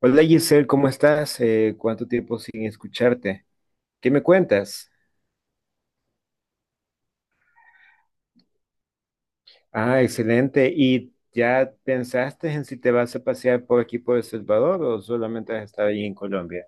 Hola Giselle, ¿cómo estás? ¿Cuánto tiempo sin escucharte? ¿Qué me cuentas? Ah, excelente. ¿Y ya pensaste en si te vas a pasear por aquí por El Salvador o solamente has estado ahí en Colombia?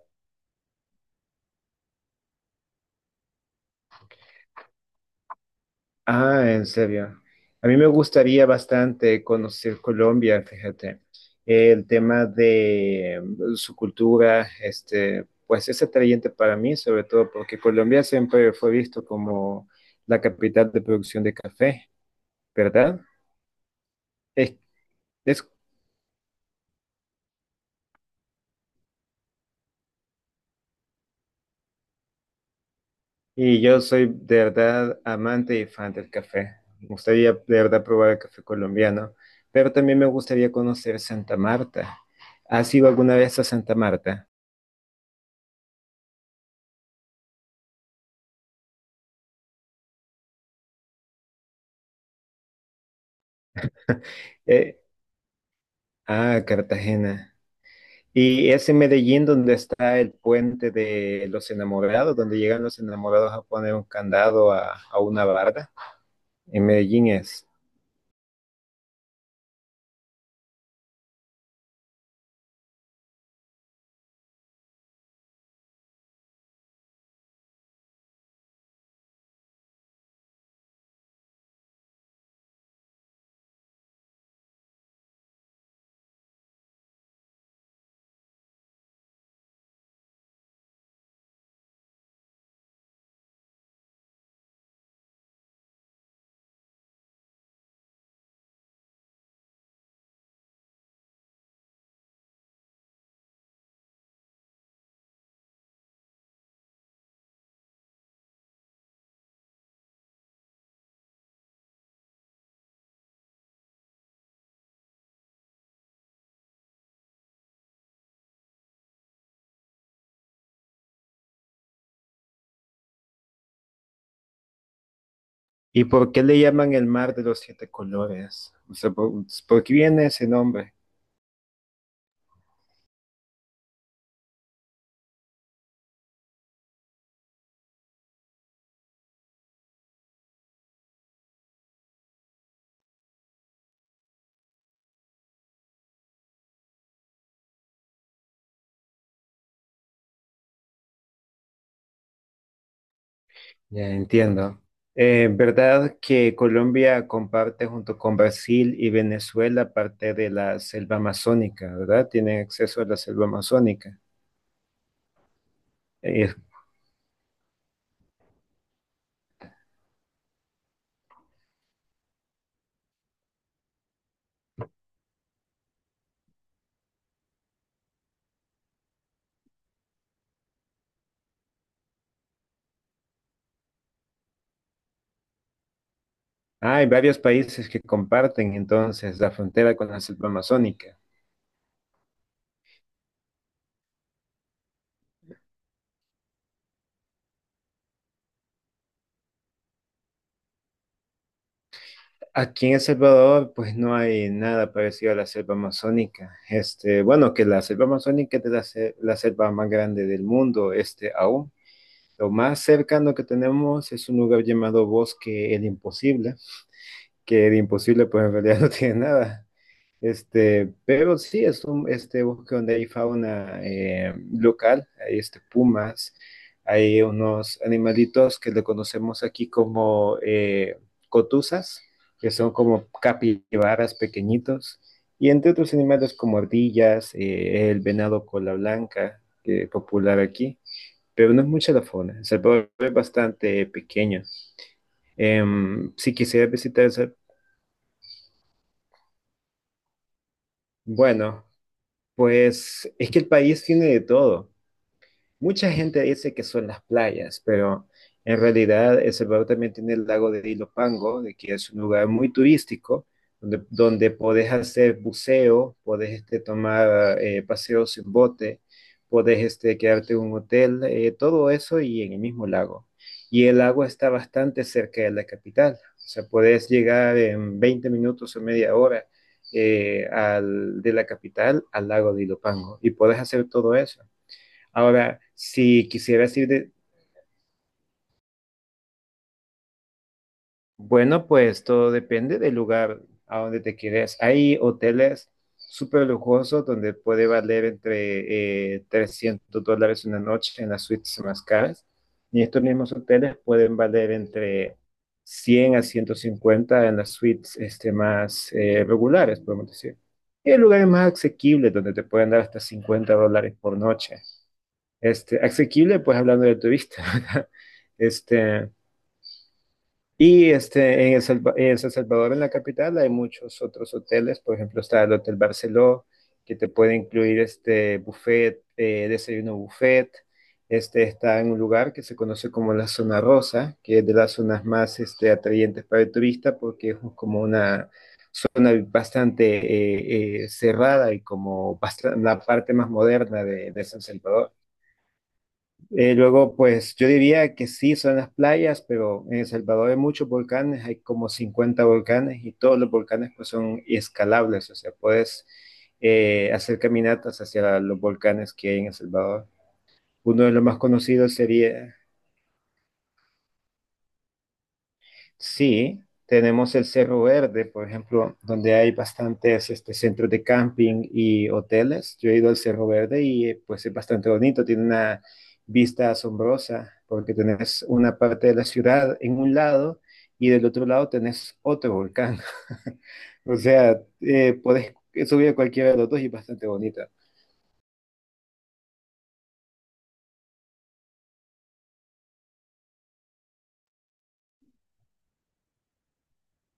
Ah, en serio. A mí me gustaría bastante conocer Colombia, fíjate. El tema de su cultura, este, pues es atrayente para mí, sobre todo porque Colombia siempre fue visto como la capital de producción de café, ¿verdad? Es, es Y yo soy de verdad amante y fan del café. Me gustaría de verdad probar el café colombiano, pero también me gustaría conocer Santa Marta. ¿Has ido alguna vez a Santa Marta? Eh, ah, Cartagena. Y es en Medellín donde está el puente de los enamorados, donde llegan los enamorados a poner un candado a una barda. En Medellín es. ¿Y por qué le llaman el mar de los siete colores? O sea, por qué viene ese nombre? Ya entiendo. ¿Verdad que Colombia comparte junto con Brasil y Venezuela parte de la selva amazónica? ¿Verdad? Tiene acceso a la selva amazónica. Eh, Hay varios países que comparten entonces la frontera con la selva amazónica. Aquí en El Salvador, pues no hay nada parecido a la selva amazónica. Este, bueno, que la selva amazónica es la selva más grande del mundo, este aún. Lo más cercano que tenemos es un lugar llamado Bosque El Imposible, que de imposible pues en realidad no tiene nada. Este, pero sí, es un este, bosque donde hay fauna local, hay este, pumas, hay unos animalitos que le conocemos aquí como cotuzas, que son como capibaras pequeñitos, y entre otros animales como ardillas, el venado cola blanca, que es popular aquí, pero no es mucha la fauna. El Salvador es bastante pequeño. Si quisiera visitar, bueno, pues es que el país tiene de todo. Mucha gente dice que son las playas, pero en realidad El Salvador también tiene el lago de Ilopango, de que es un lugar muy turístico, donde, podés hacer buceo, podés este, tomar paseos en bote, podés este, quedarte en un hotel, todo eso y en el mismo lago. Y el lago está bastante cerca de la capital, o sea, podés llegar en 20 minutos o media hora de la capital al lago de Ilopango y podés hacer todo eso. Ahora, si quisieras ir bueno, pues todo depende del lugar a donde te quieres. Hay hoteles súper lujosos donde puede valer entre $300 una noche en las suites más caras. Y estos mismos hoteles pueden valer entre 100 a 150 en las suites este, más regulares, podemos decir. Y hay lugares más asequibles donde te pueden dar hasta $50 por noche. Este, asequible, pues hablando del turista, ¿verdad? Este, y este, en en San Salvador, en la capital, hay muchos otros hoteles. Por ejemplo, está el Hotel Barceló, que te puede incluir este buffet, desayuno buffet. Este está en un lugar que se conoce como la Zona Rosa, que es de las zonas más este, atrayentes para el turista, porque es como una zona bastante cerrada y la parte más moderna de San Salvador. Luego, pues yo diría que sí son las playas, pero en El Salvador hay muchos volcanes, hay como 50 volcanes y todos los volcanes pues son escalables, o sea, puedes hacer caminatas hacia los volcanes que hay en El Salvador. Uno de los más conocidos sería. Sí, tenemos el Cerro Verde, por ejemplo, donde hay bastantes este, centros de camping y hoteles. Yo he ido al Cerro Verde y pues es bastante bonito, tiene una vista asombrosa porque tenés una parte de la ciudad en un lado y del otro lado tenés otro volcán. O sea, podés subir a cualquiera de los dos y es bastante bonito.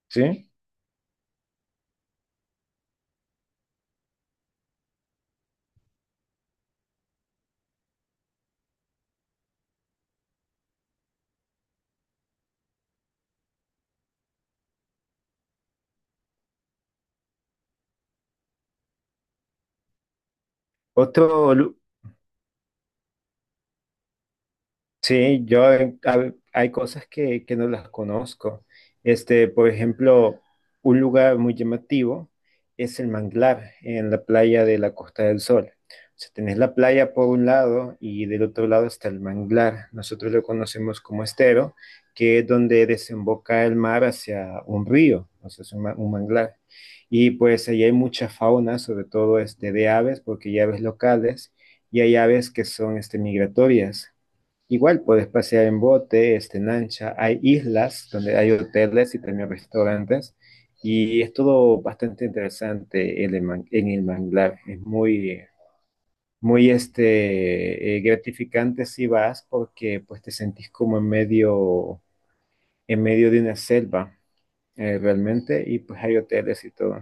¿Sí? Otro lu- Sí, yo hay cosas que, no las conozco. Este, por ejemplo, un lugar muy llamativo es el manglar en la playa de la Costa del Sol. O sea, tenés la playa por un lado y del otro lado está el manglar. Nosotros lo conocemos como estero, que es donde desemboca el mar hacia un río, o sea, es un manglar. Y pues ahí hay mucha fauna, sobre todo este, de aves, porque hay aves locales y hay aves que son este, migratorias. Igual puedes pasear en bote, este, en lancha. Hay islas donde hay hoteles y también restaurantes. Y es todo bastante interesante en en el manglar. Es muy, muy este, gratificante si vas porque pues, te sentís como en medio de una selva realmente. Y pues hay hoteles y todo.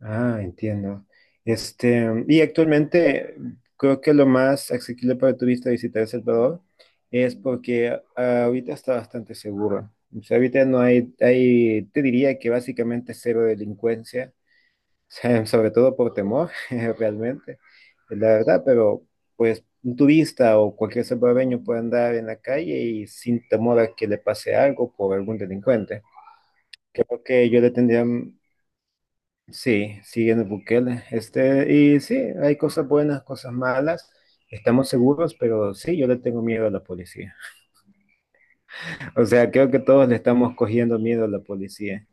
Ah, entiendo. Este, y actualmente creo que lo más asequible para turista visitar El Salvador es porque ahorita está bastante seguro. O sea, ahorita no hay, te diría que básicamente cero delincuencia, o sea, sobre todo por temor, realmente, es la verdad, pero pues un turista o cualquier salvadoreño puede andar en la calle y sin temor a que le pase algo por algún delincuente. Creo que yo le tendría. Sí, siguiendo Bukele. Este, y sí, hay cosas buenas, cosas malas. Estamos seguros, pero sí, yo le tengo miedo a la policía. O sea, creo que todos le estamos cogiendo miedo a la policía.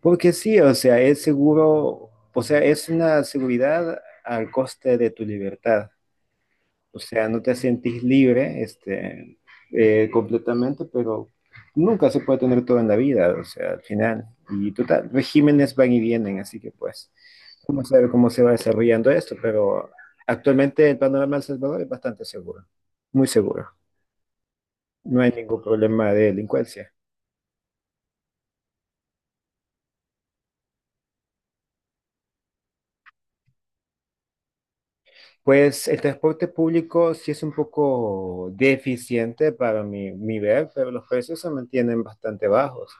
Porque sí, o sea, es seguro, o sea, es una seguridad al coste de tu libertad. O sea, no te sentís libre, este, completamente, pero nunca se puede tener todo en la vida, o sea, al final. Y total, regímenes van y vienen, así que pues, vamos a ver cómo se va desarrollando esto, pero actualmente el panorama del Salvador es bastante seguro, muy seguro. No hay ningún problema de delincuencia. Pues el transporte público sí es un poco deficiente para mi ver, pero los precios se mantienen bastante bajos.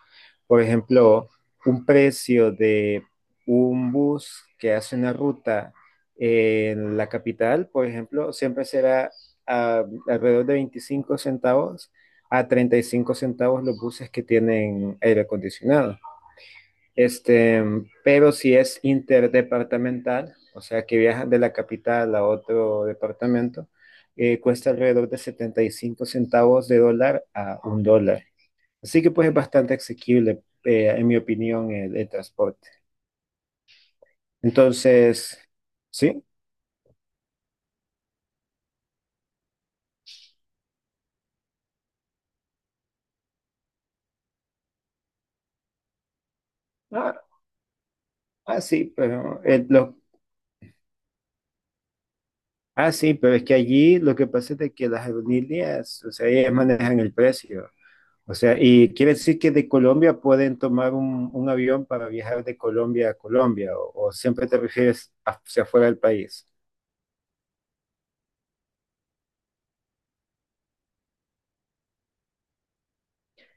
Por ejemplo, un precio de un bus que hace una ruta en la capital, por ejemplo, siempre será alrededor de 25 centavos a 35 centavos los buses que tienen aire acondicionado. Este, pero si es interdepartamental, o sea que viajan de la capital a otro departamento, cuesta alrededor de 75 centavos de dólar a $1. Así que pues es bastante asequible, en mi opinión, el transporte. Entonces, sí. ah, sí, pero ah, sí, pero es que allí lo que pasa es de que las aerolíneas, o sea, ellas manejan el precio. O sea, y quiere decir que de Colombia pueden tomar un avión para viajar de Colombia a Colombia, o siempre te refieres hacia afuera del país.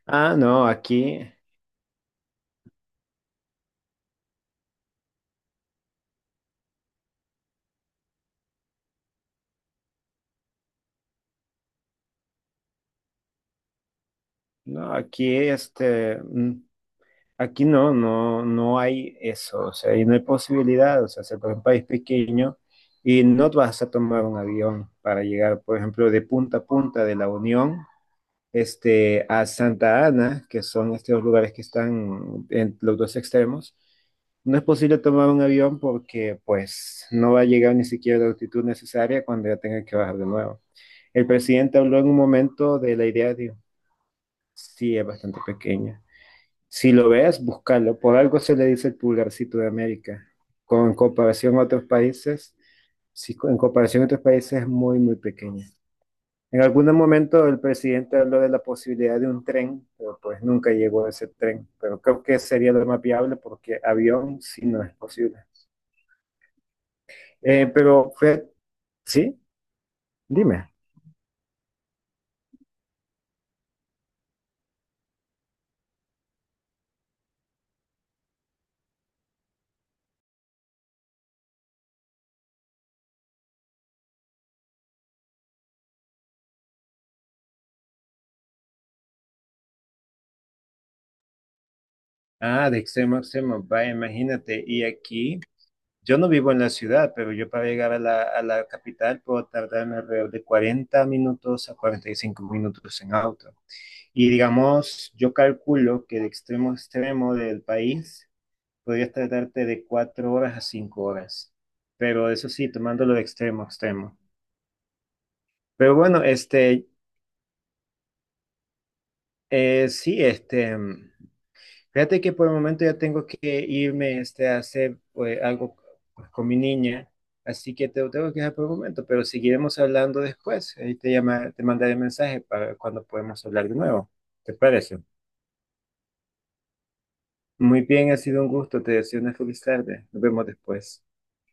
Ah, no, aquí, este, aquí no hay eso, o sea, y no hay posibilidad, o sea, se por un país pequeño y no vas a tomar un avión para llegar, por ejemplo, de punta a punta de la Unión, este, a Santa Ana, que son estos lugares que están en los dos extremos, no es posible tomar un avión porque pues no va a llegar ni siquiera a la altitud necesaria cuando ya tenga que bajar de nuevo. El presidente habló en un momento de la idea de. Sí, es bastante pequeña. Si lo ves, búscalo. Por algo se le dice el pulgarcito de América. Con En comparación a otros países, sí, en comparación a otros países es muy, muy pequeña. En algún momento el presidente habló de la posibilidad de un tren, pero pues nunca llegó a ese tren. Pero creo que sería lo más viable porque avión sí no es posible. Pero Fred, sí, dime. Ah, de extremo a extremo, vaya, imagínate. Y aquí, yo no vivo en la ciudad, pero yo para llegar a la, capital puedo tardarme alrededor de 40 minutos a 45 minutos en auto. Y digamos, yo calculo que de extremo a extremo del país podrías tardarte de 4 horas a 5 horas. Pero eso sí, tomándolo de extremo a extremo. Pero bueno, este, sí, este, fíjate que por el momento ya tengo que irme, este, a hacer pues, algo pues, con mi niña. Así que te tengo que dejar por el momento, pero seguiremos hablando después. Ahí te llama, te mandaré mensaje para cuando podemos hablar de nuevo. ¿Te parece? Muy bien, ha sido un gusto. Te deseo una feliz tarde. Nos vemos después.